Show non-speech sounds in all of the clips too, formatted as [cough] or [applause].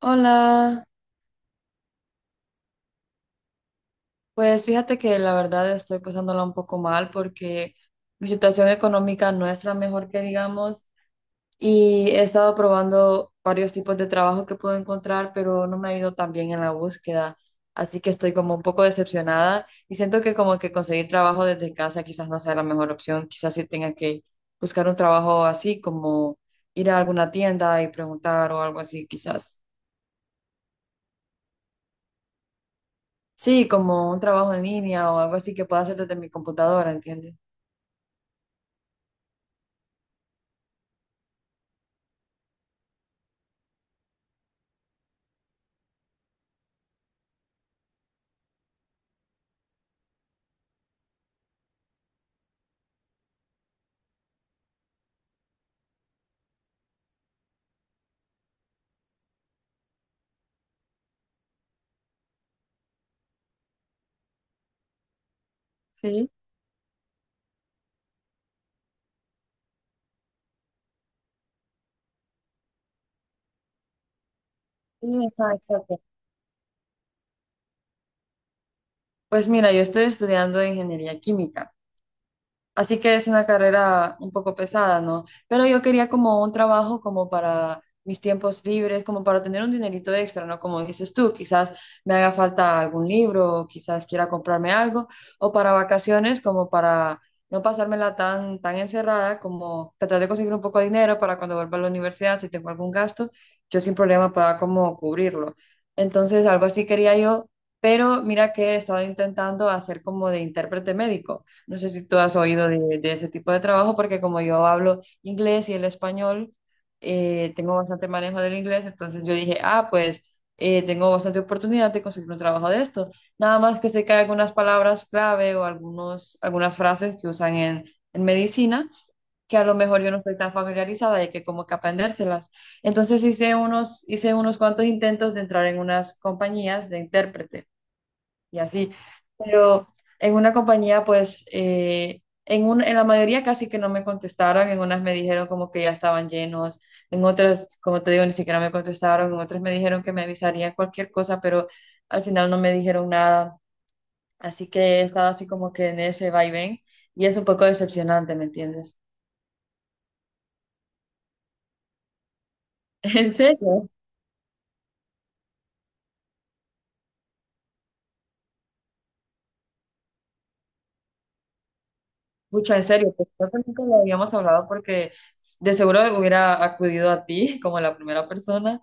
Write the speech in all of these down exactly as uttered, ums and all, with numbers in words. Hola, pues fíjate que la verdad estoy pasándola un poco mal porque mi situación económica no es la mejor que digamos y he estado probando varios tipos de trabajo que puedo encontrar, pero no me ha ido tan bien en la búsqueda, así que estoy como un poco decepcionada y siento que como que conseguir trabajo desde casa quizás no sea la mejor opción, quizás sí tenga que buscar un trabajo así como ir a alguna tienda y preguntar o algo así, quizás. Sí, como un trabajo en línea o algo así que pueda hacer desde mi computadora, ¿entiendes? Sí, sí, exacto. Pues mira, yo estoy estudiando ingeniería química. Así que es una carrera un poco pesada, ¿no? Pero yo quería como un trabajo como para mis tiempos libres, como para tener un dinerito extra, ¿no? Como dices tú, quizás me haga falta algún libro, quizás quiera comprarme algo, o para vacaciones, como para no pasármela tan, tan encerrada, como tratar de conseguir un poco de dinero para cuando vuelva a la universidad, si tengo algún gasto, yo sin problema pueda como cubrirlo. Entonces, algo así quería yo, pero mira que he estado intentando hacer como de intérprete médico. No sé si tú has oído de, de ese tipo de trabajo, porque como yo hablo inglés y el español, eh, tengo bastante manejo del inglés, entonces yo dije, ah, pues eh, tengo bastante oportunidad de conseguir un trabajo de esto. Nada más que sé que hay algunas palabras clave o algunos, algunas frases que usan en, en medicina, que a lo mejor yo no estoy tan familiarizada y que como que aprendérselas. Entonces hice unos, hice unos cuantos intentos de entrar en unas compañías de intérprete y así. Pero en una compañía, pues, eh, en un, en la mayoría casi que no me contestaron, en unas me dijeron como que ya estaban llenos, en otras, como te digo, ni siquiera me contestaron, en otras me dijeron que me avisarían cualquier cosa, pero al final no me dijeron nada. Así que he estado así como que en ese vaivén y es un poco decepcionante, ¿me entiendes? [laughs] En serio, mucho en serio, pues creo que nunca lo habíamos hablado porque de seguro hubiera acudido a ti [laughs] como la primera persona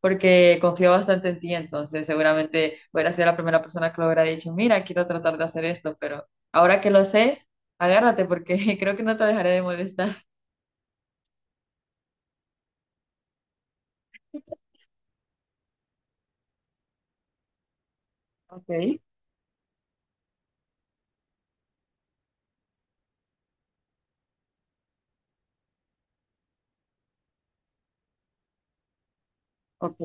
porque confío bastante en ti, entonces seguramente hubiera sido la primera persona que lo hubiera dicho, mira, quiero tratar de hacer esto, pero ahora que lo sé, agárrate porque [laughs] creo que no te dejaré de molestar. Ok, ok,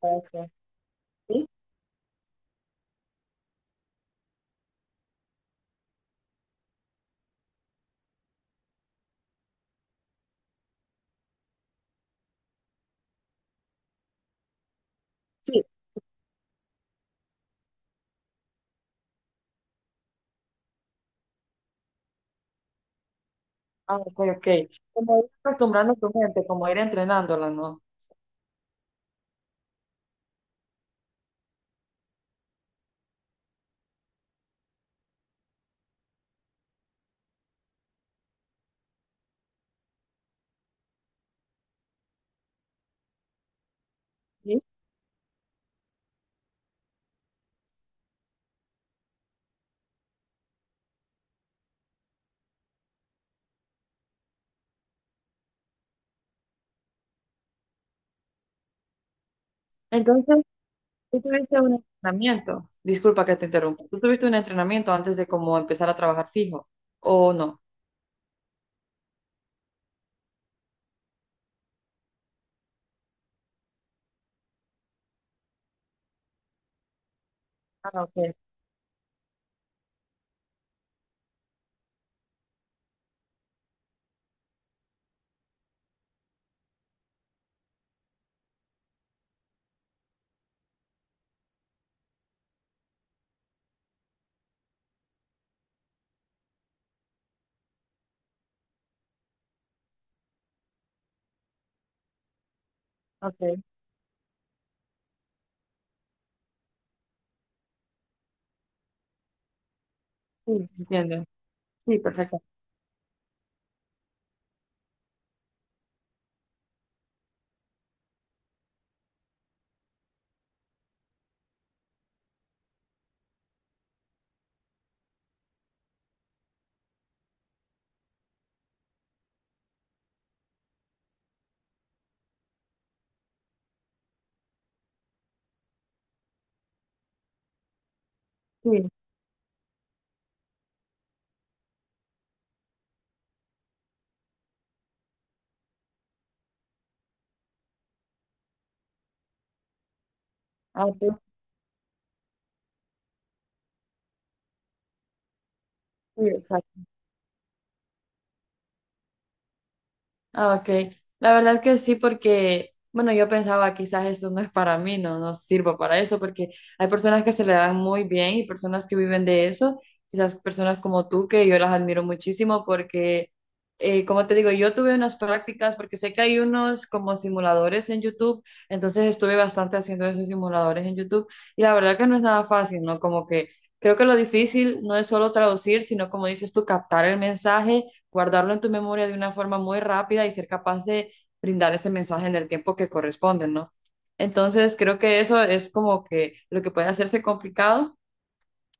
puede ser. Sí, sí, ah, ok, ok. Como ir acostumbrando tu mente, como ir entrenándola, ¿no? Sí. Entonces, tú tuviste un entrenamiento. Disculpa que te interrumpa. ¿Tú tuviste un entrenamiento antes de como empezar a trabajar fijo o no? Ah, ok, ok, sí, entiendo, sí, perfecto, sí, sí, exacto. Ah, ok. La verdad que sí, porque, bueno, yo pensaba quizás esto no es para mí, no, no sirvo para esto, porque hay personas que se le dan muy bien y personas que viven de eso, quizás personas como tú, que yo las admiro muchísimo porque, eh, como te digo, yo tuve unas prácticas, porque sé que hay unos como simuladores en YouTube, entonces estuve bastante haciendo esos simuladores en YouTube y la verdad que no es nada fácil, ¿no? Como que creo que lo difícil no es solo traducir, sino como dices tú, captar el mensaje, guardarlo en tu memoria de una forma muy rápida y ser capaz de brindar ese mensaje en el tiempo que corresponde, ¿no? Entonces, creo que eso es como que lo que puede hacerse complicado,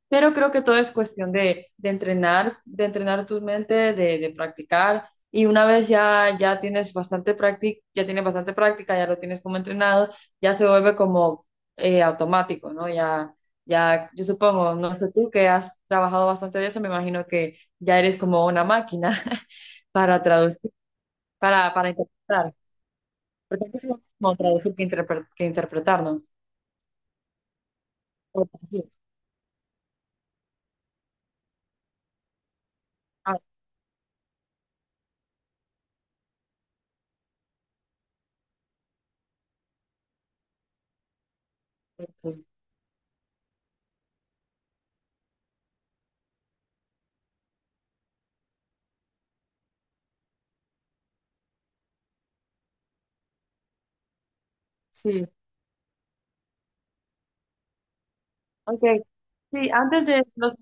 pero creo que todo es cuestión de, de entrenar, de entrenar tu mente, de, de practicar. Y una vez ya, ya tienes bastante práctica, ya tienes bastante práctica, ya lo tienes como entrenado, ya se vuelve como eh, automático, ¿no? Ya, ya, yo supongo, no sé tú que has trabajado bastante de eso, me imagino que ya eres como una máquina. [laughs] Para traducir, para, para interpretar. Porque es lo mismo traducir que, interpre- que interpretar, ¿no? O traducir. Ah, ok, sí. Sí, ok, sí, antes de los...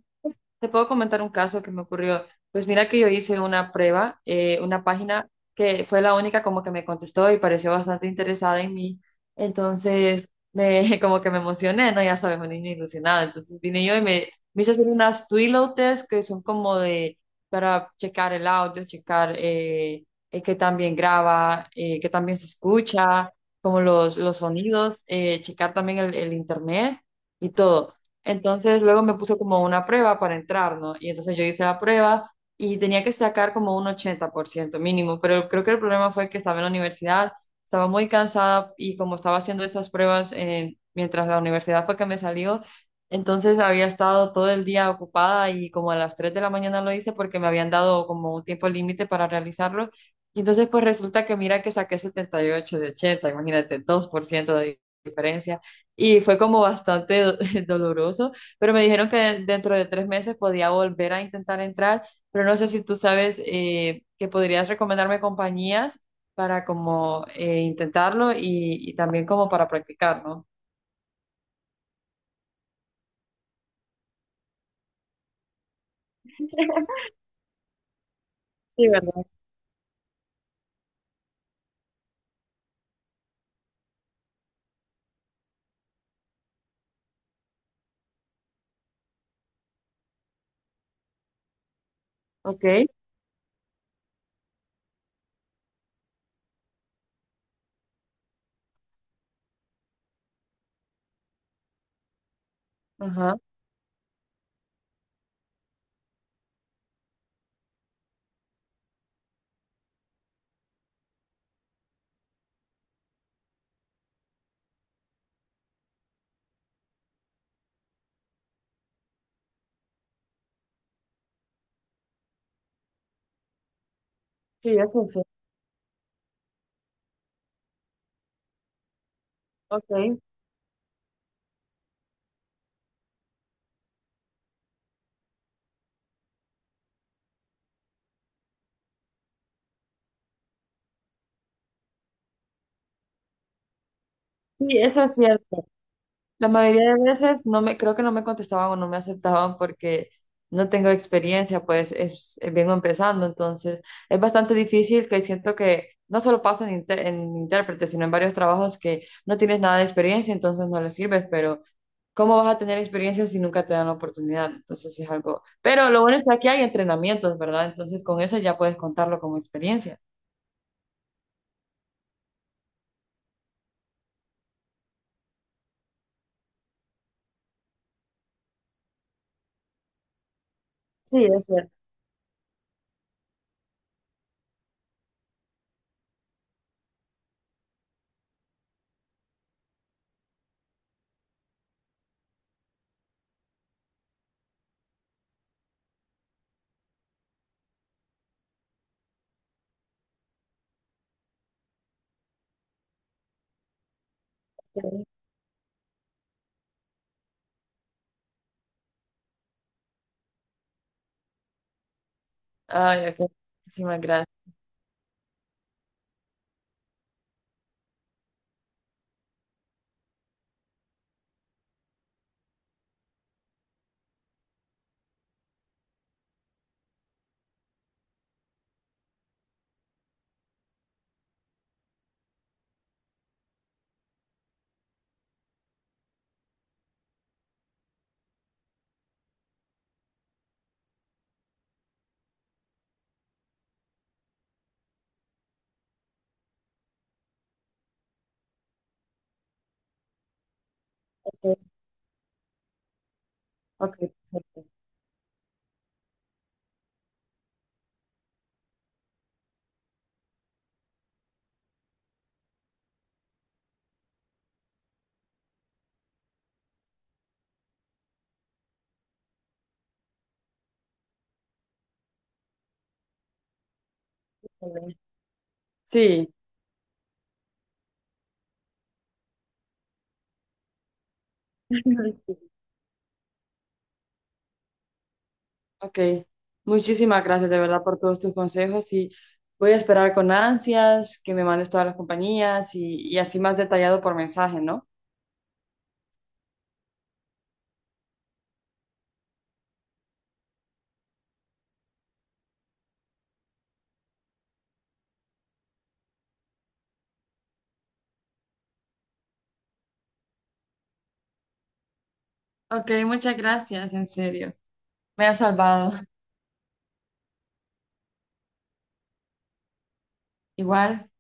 Te puedo comentar un caso que me ocurrió. Pues mira que yo hice una prueba, eh, una página que fue la única como que me contestó y pareció bastante interesada en mí. Entonces, me, [laughs] como que me emocioné, ¿no? Ya sabes, un niño ilusionado. Entonces vine yo y me, me hice hacer unas Twilio test que son como de, para checar el audio, checar eh, eh, qué tan bien graba, eh, qué tan bien se escucha, como los, los sonidos, eh, checar también el el internet y todo. Entonces luego me puso como una prueba para entrar, ¿no? Y entonces yo hice la prueba y tenía que sacar como un ochenta por ciento mínimo, pero creo que el problema fue que estaba en la universidad, estaba muy cansada y como estaba haciendo esas pruebas eh, mientras la universidad fue que me salió, entonces había estado todo el día ocupada y como a las tres de la mañana lo hice porque me habían dado como un tiempo límite para realizarlo. Y entonces pues resulta que mira que saqué setenta y ocho de ochenta, imagínate, dos por ciento de diferencia y fue como bastante do- [laughs] doloroso, pero me dijeron que dentro de tres meses podía volver a intentar entrar, pero no sé si tú sabes eh, que podrías recomendarme compañías para como eh, intentarlo y, y también como para practicar, ¿no? Sí, ¿verdad? Ok. Ajá. Sí, eso sí. Ok. Sí, eso es cierto. La mayoría de veces no me, creo que no me contestaban o no me aceptaban porque no tengo experiencia, pues es, eh, vengo empezando, entonces es bastante difícil que siento que no solo pasa en, inter- en intérprete, sino en varios trabajos que no tienes nada de experiencia, entonces no les sirves, pero ¿cómo vas a tener experiencia si nunca te dan la oportunidad? Entonces es algo, pero lo bueno es que aquí hay entrenamientos, ¿verdad? Entonces con eso ya puedes contarlo como experiencia. Sí, es cierto. Ay, ok. Muchísimas gracias. Ok, perfecto. Está bien. Sí. [laughs] Ok, muchísimas gracias de verdad por todos tus consejos y voy a esperar con ansias que me mandes todas las compañías y, y así más detallado por mensaje, ¿no? Ok, muchas gracias, en serio. Me has salvado. [laughs] Igual.